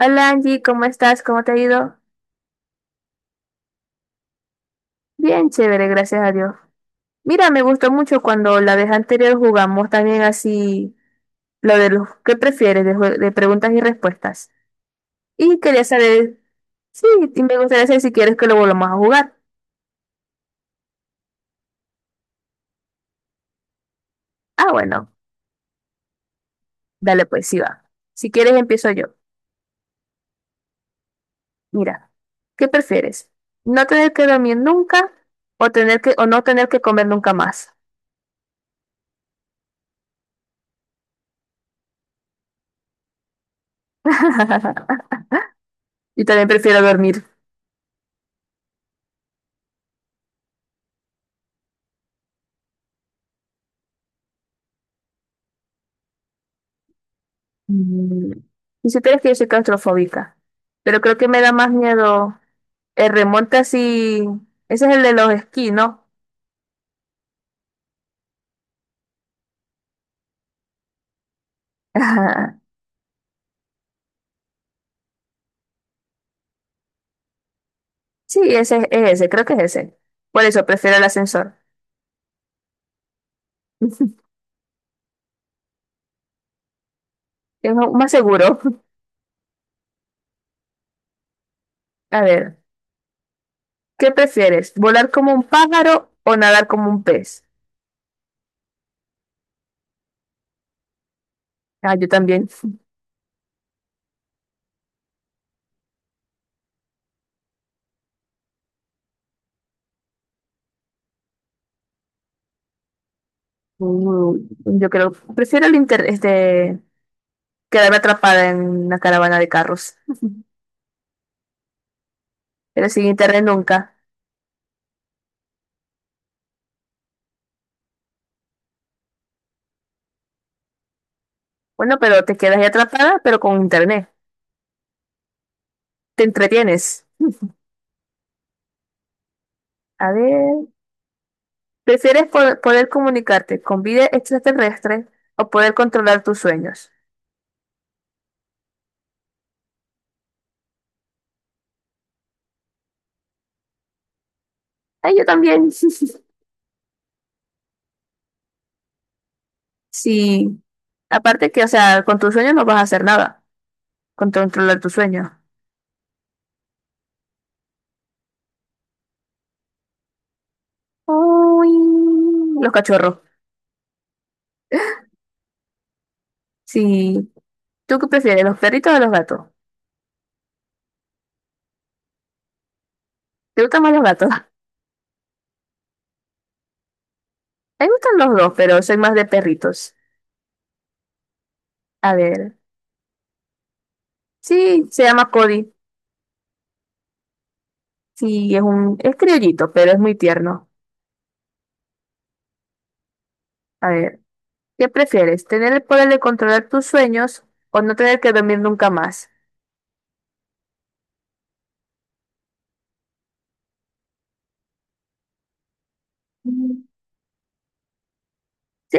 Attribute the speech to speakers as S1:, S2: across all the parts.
S1: Hola Angie, ¿cómo estás? ¿Cómo te ha ido? Bien chévere, gracias a Dios. Mira, me gustó mucho cuando la vez anterior jugamos también así, lo de los que prefieres, de preguntas y respuestas. Y quería saber, sí, y me gustaría saber si quieres que lo volvamos a jugar. Ah, bueno, dale pues, sí va. Si quieres empiezo yo. Mira, ¿qué prefieres? ¿No tener que dormir nunca o no tener que comer nunca más? Yo también prefiero dormir. Mm, Y si tienes que yo soy claustrofóbica, pero creo que me da más miedo el remonte así. Ese es el de los esquí, ¿no? Ajá. Sí, ese es ese, creo que es ese. Por eso prefiero el ascensor. Es más seguro. A ver, ¿qué prefieres? ¿Volar como un pájaro o nadar como un pez? Ah, yo también. Uh, yo creo, prefiero quedarme atrapada en una caravana de carros. Pero sin internet nunca. Bueno, pero te quedas ahí atrapada, pero con internet. Te entretienes. A ver, ¿prefieres poder comunicarte con vida extraterrestre o poder controlar tus sueños? Ay, yo también. Sí. Aparte que, o sea, con tus sueños no vas a hacer nada. Con controlar tus sueños. Uy, los cachorros. Sí. ¿Tú qué prefieres, los perritos o los gatos? ¿Te gustan más los gatos? A mí me gustan los dos, pero soy más de perritos. A ver. Sí, se llama Cody. Sí, es criollito, pero es muy tierno. A ver, ¿qué prefieres? ¿Tener el poder de controlar tus sueños o no tener que dormir nunca más? Mm. ¿Sí?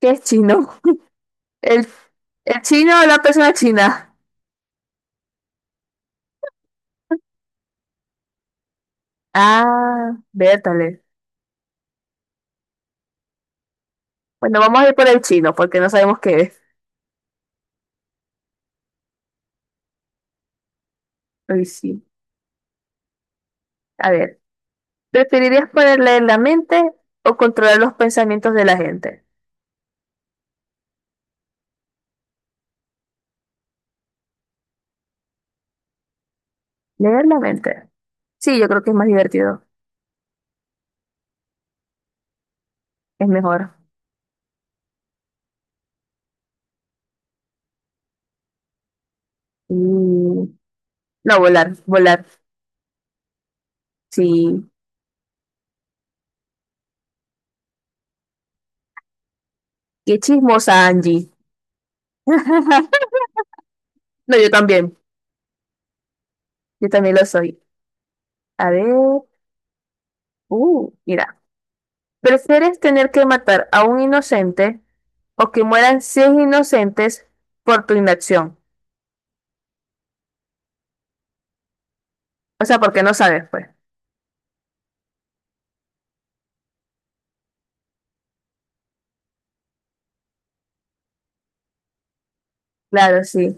S1: ¿Qué es chino? ¿El, el chino o la persona china? Ah, vértale. Bueno, vamos a ir por el chino porque no sabemos qué es. Uy, sí. A ver, ¿preferirías poder leer la mente o controlar los pensamientos de la gente? Leer la mente. Sí, yo creo que es más divertido. Es mejor. Mm, no, volar, volar. Sí. Qué chismosa, Angie. No, yo también. Yo también lo soy. A ver. Mira. ¿Prefieres tener que matar a un inocente o que mueran 100 inocentes por tu inacción? O sea, porque no sabes, pues. Claro, sí.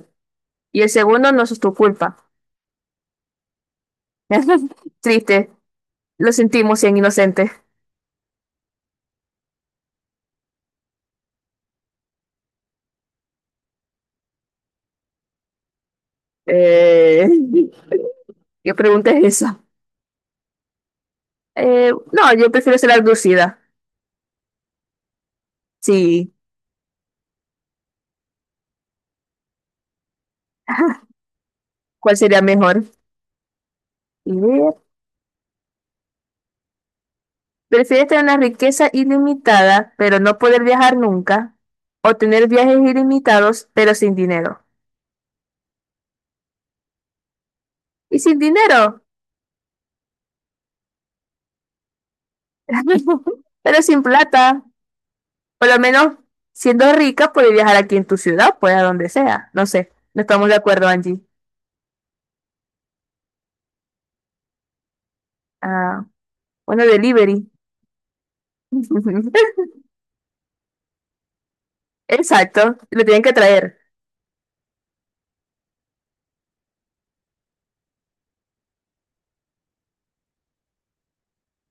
S1: Y el segundo no es tu culpa. Triste. Lo sentimos, 100 inocentes. Eh, ¿Qué pregunta es esa? No, yo prefiero ser abducida. Sí. ¿Cuál sería mejor? Idea. ¿Prefieres tener una riqueza ilimitada, pero no poder viajar nunca? ¿O tener viajes ilimitados, pero sin dinero? ¿Y sin dinero? Pero sin plata. Por lo menos, siendo rica, puedes viajar aquí en tu ciudad, pues a donde sea. No sé, no estamos de acuerdo, Angie. Ah, bueno, delivery. Exacto, lo tienen que traer,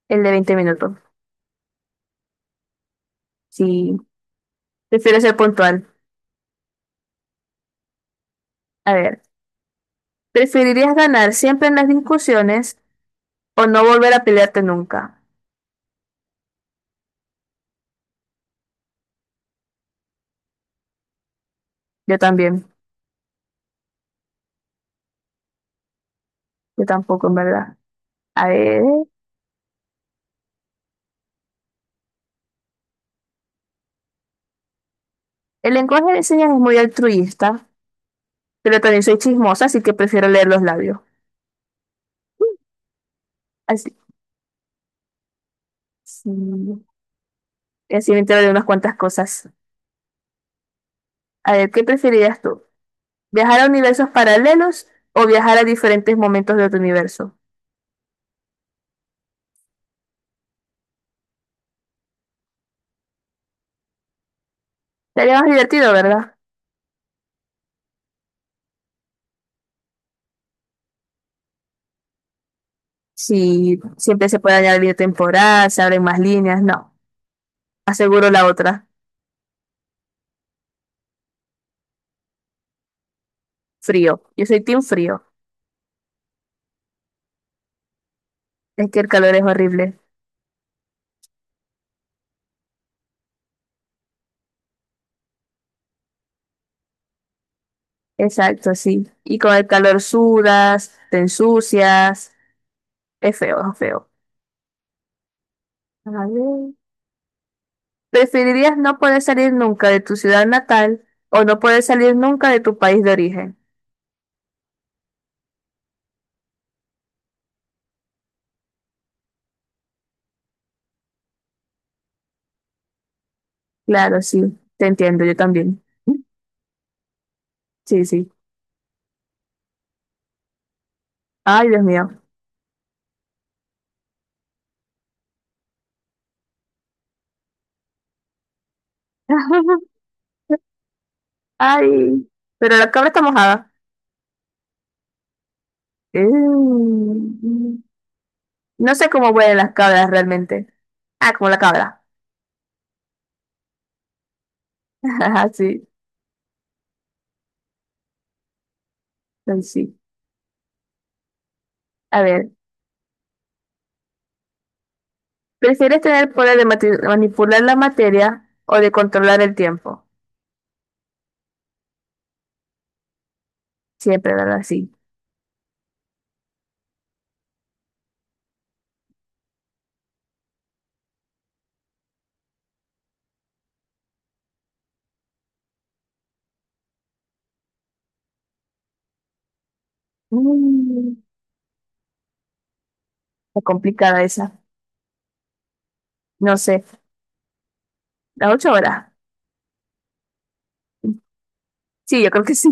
S1: el de 20 minutos. Sí, prefiero ser puntual. A ver, ¿preferirías ganar siempre en las discusiones o no volver a pelearte nunca? Yo también, yo tampoco, en verdad. A ver, el lenguaje de señas es muy altruista, pero también soy chismosa, así que prefiero leer los labios. Así, sí. Y así me entero de unas cuantas cosas. A ver, ¿qué preferirías tú? ¿Viajar a universos paralelos o viajar a diferentes momentos de tu universo? Sería más divertido, ¿verdad? Si siempre se puede añadir temporada se abren más líneas, no. Aseguro la otra. Frío. Yo soy team frío. Es que el calor es horrible. Exacto, sí. Y con el calor sudas, te ensucias. Es feo, es feo. A ver. ¿Preferirías no poder salir nunca de tu ciudad natal o no poder salir nunca de tu país de origen? Claro, sí, te entiendo, yo también. Sí, sí. Ay, Dios mío. Ay, pero la cabra está mojada. Eh, No sé cómo huelen las cabras realmente. Ah, como la cabra. Ajá, sí, ay, sí. A ver. ¿Prefieres tener el poder de manipular la materia o de controlar el tiempo? Siempre, ¿verdad? Sí. Mm, está complicada esa. No sé. ¿Las 8 horas? Sí, yo creo que sí.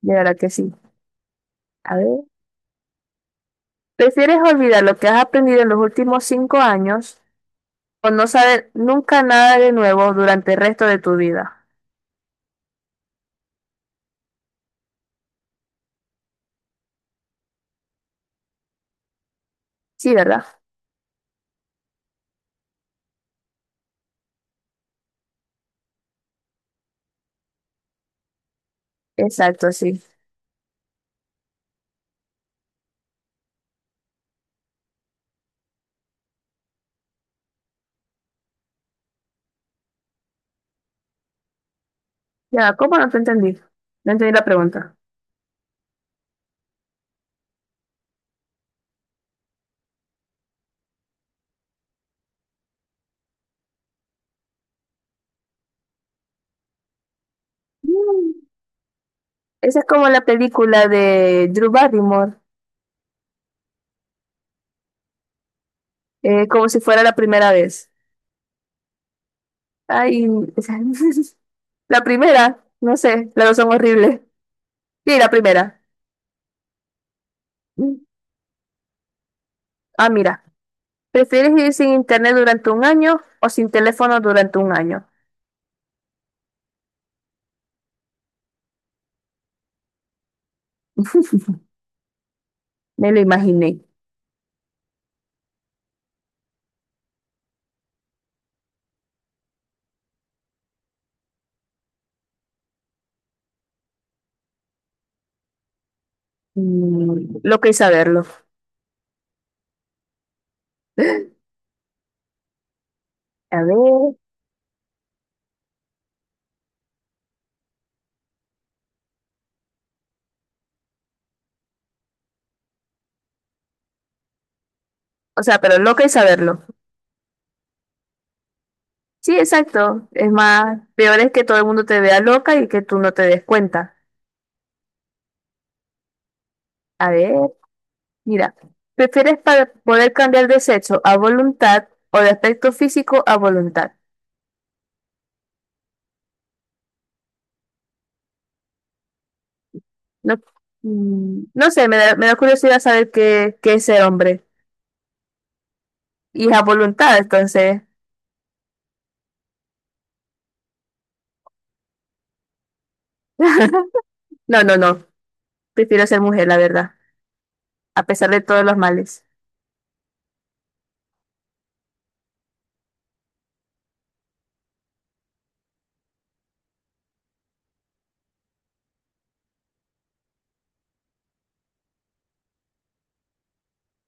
S1: De verdad que sí. A ver. ¿Prefieres olvidar lo que has aprendido en los últimos 5 años o no saber nunca nada de nuevo durante el resto de tu vida? Sí, ¿verdad? Exacto, sí. Ya, ¿cómo no te entendí? No entendí la pregunta. Mm, Esa es como la película de Drew Barrymore. Como si fuera la primera vez. Ay, la primera, no sé, las dos son horribles. Sí, la primera. Ah, mira, ¿prefieres vivir sin internet durante un año o sin teléfono durante un año? Me lo imaginé. Loco y saberlo. A ver, o sea, pero loca y saberlo. Sí, exacto. Es más, peor es que todo el mundo te vea loca y que tú no te des cuenta. A ver. Mira, ¿prefieres para poder cambiar de sexo a voluntad o de aspecto físico a voluntad? No, no sé, me da curiosidad saber qué es ser hombre. Y es a voluntad, entonces. No, no, no. Prefiero ser mujer, la verdad. A pesar de todos los males.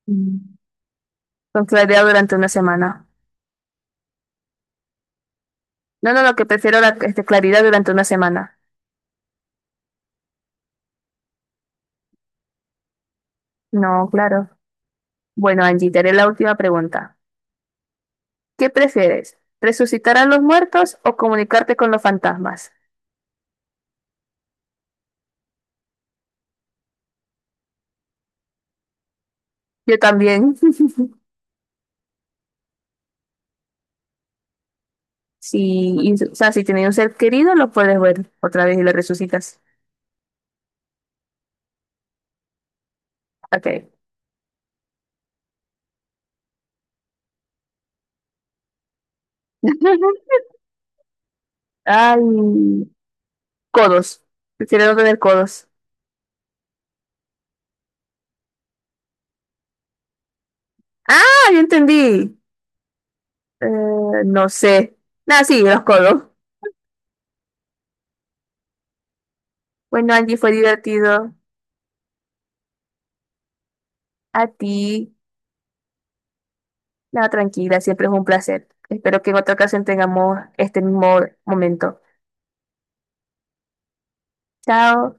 S1: Mm. Con claridad durante una semana. No, no, no, que prefiero la claridad durante una semana. No, claro. Bueno, Angie, te haré la última pregunta. ¿Qué prefieres? ¿Resucitar a los muertos o comunicarte con los fantasmas? Yo también. Sí, y, o sea, si tienes un ser querido, lo puedes ver otra vez y lo resucitas. Ok. Ay, codos. Prefiero no tener codos. Ah, yo entendí. Eh, no sé. Nada, sí, los codos. Bueno, Angie, fue divertido. A ti. Nada, tranquila, siempre es un placer. Espero que en otra ocasión tengamos este mismo momento. Chao.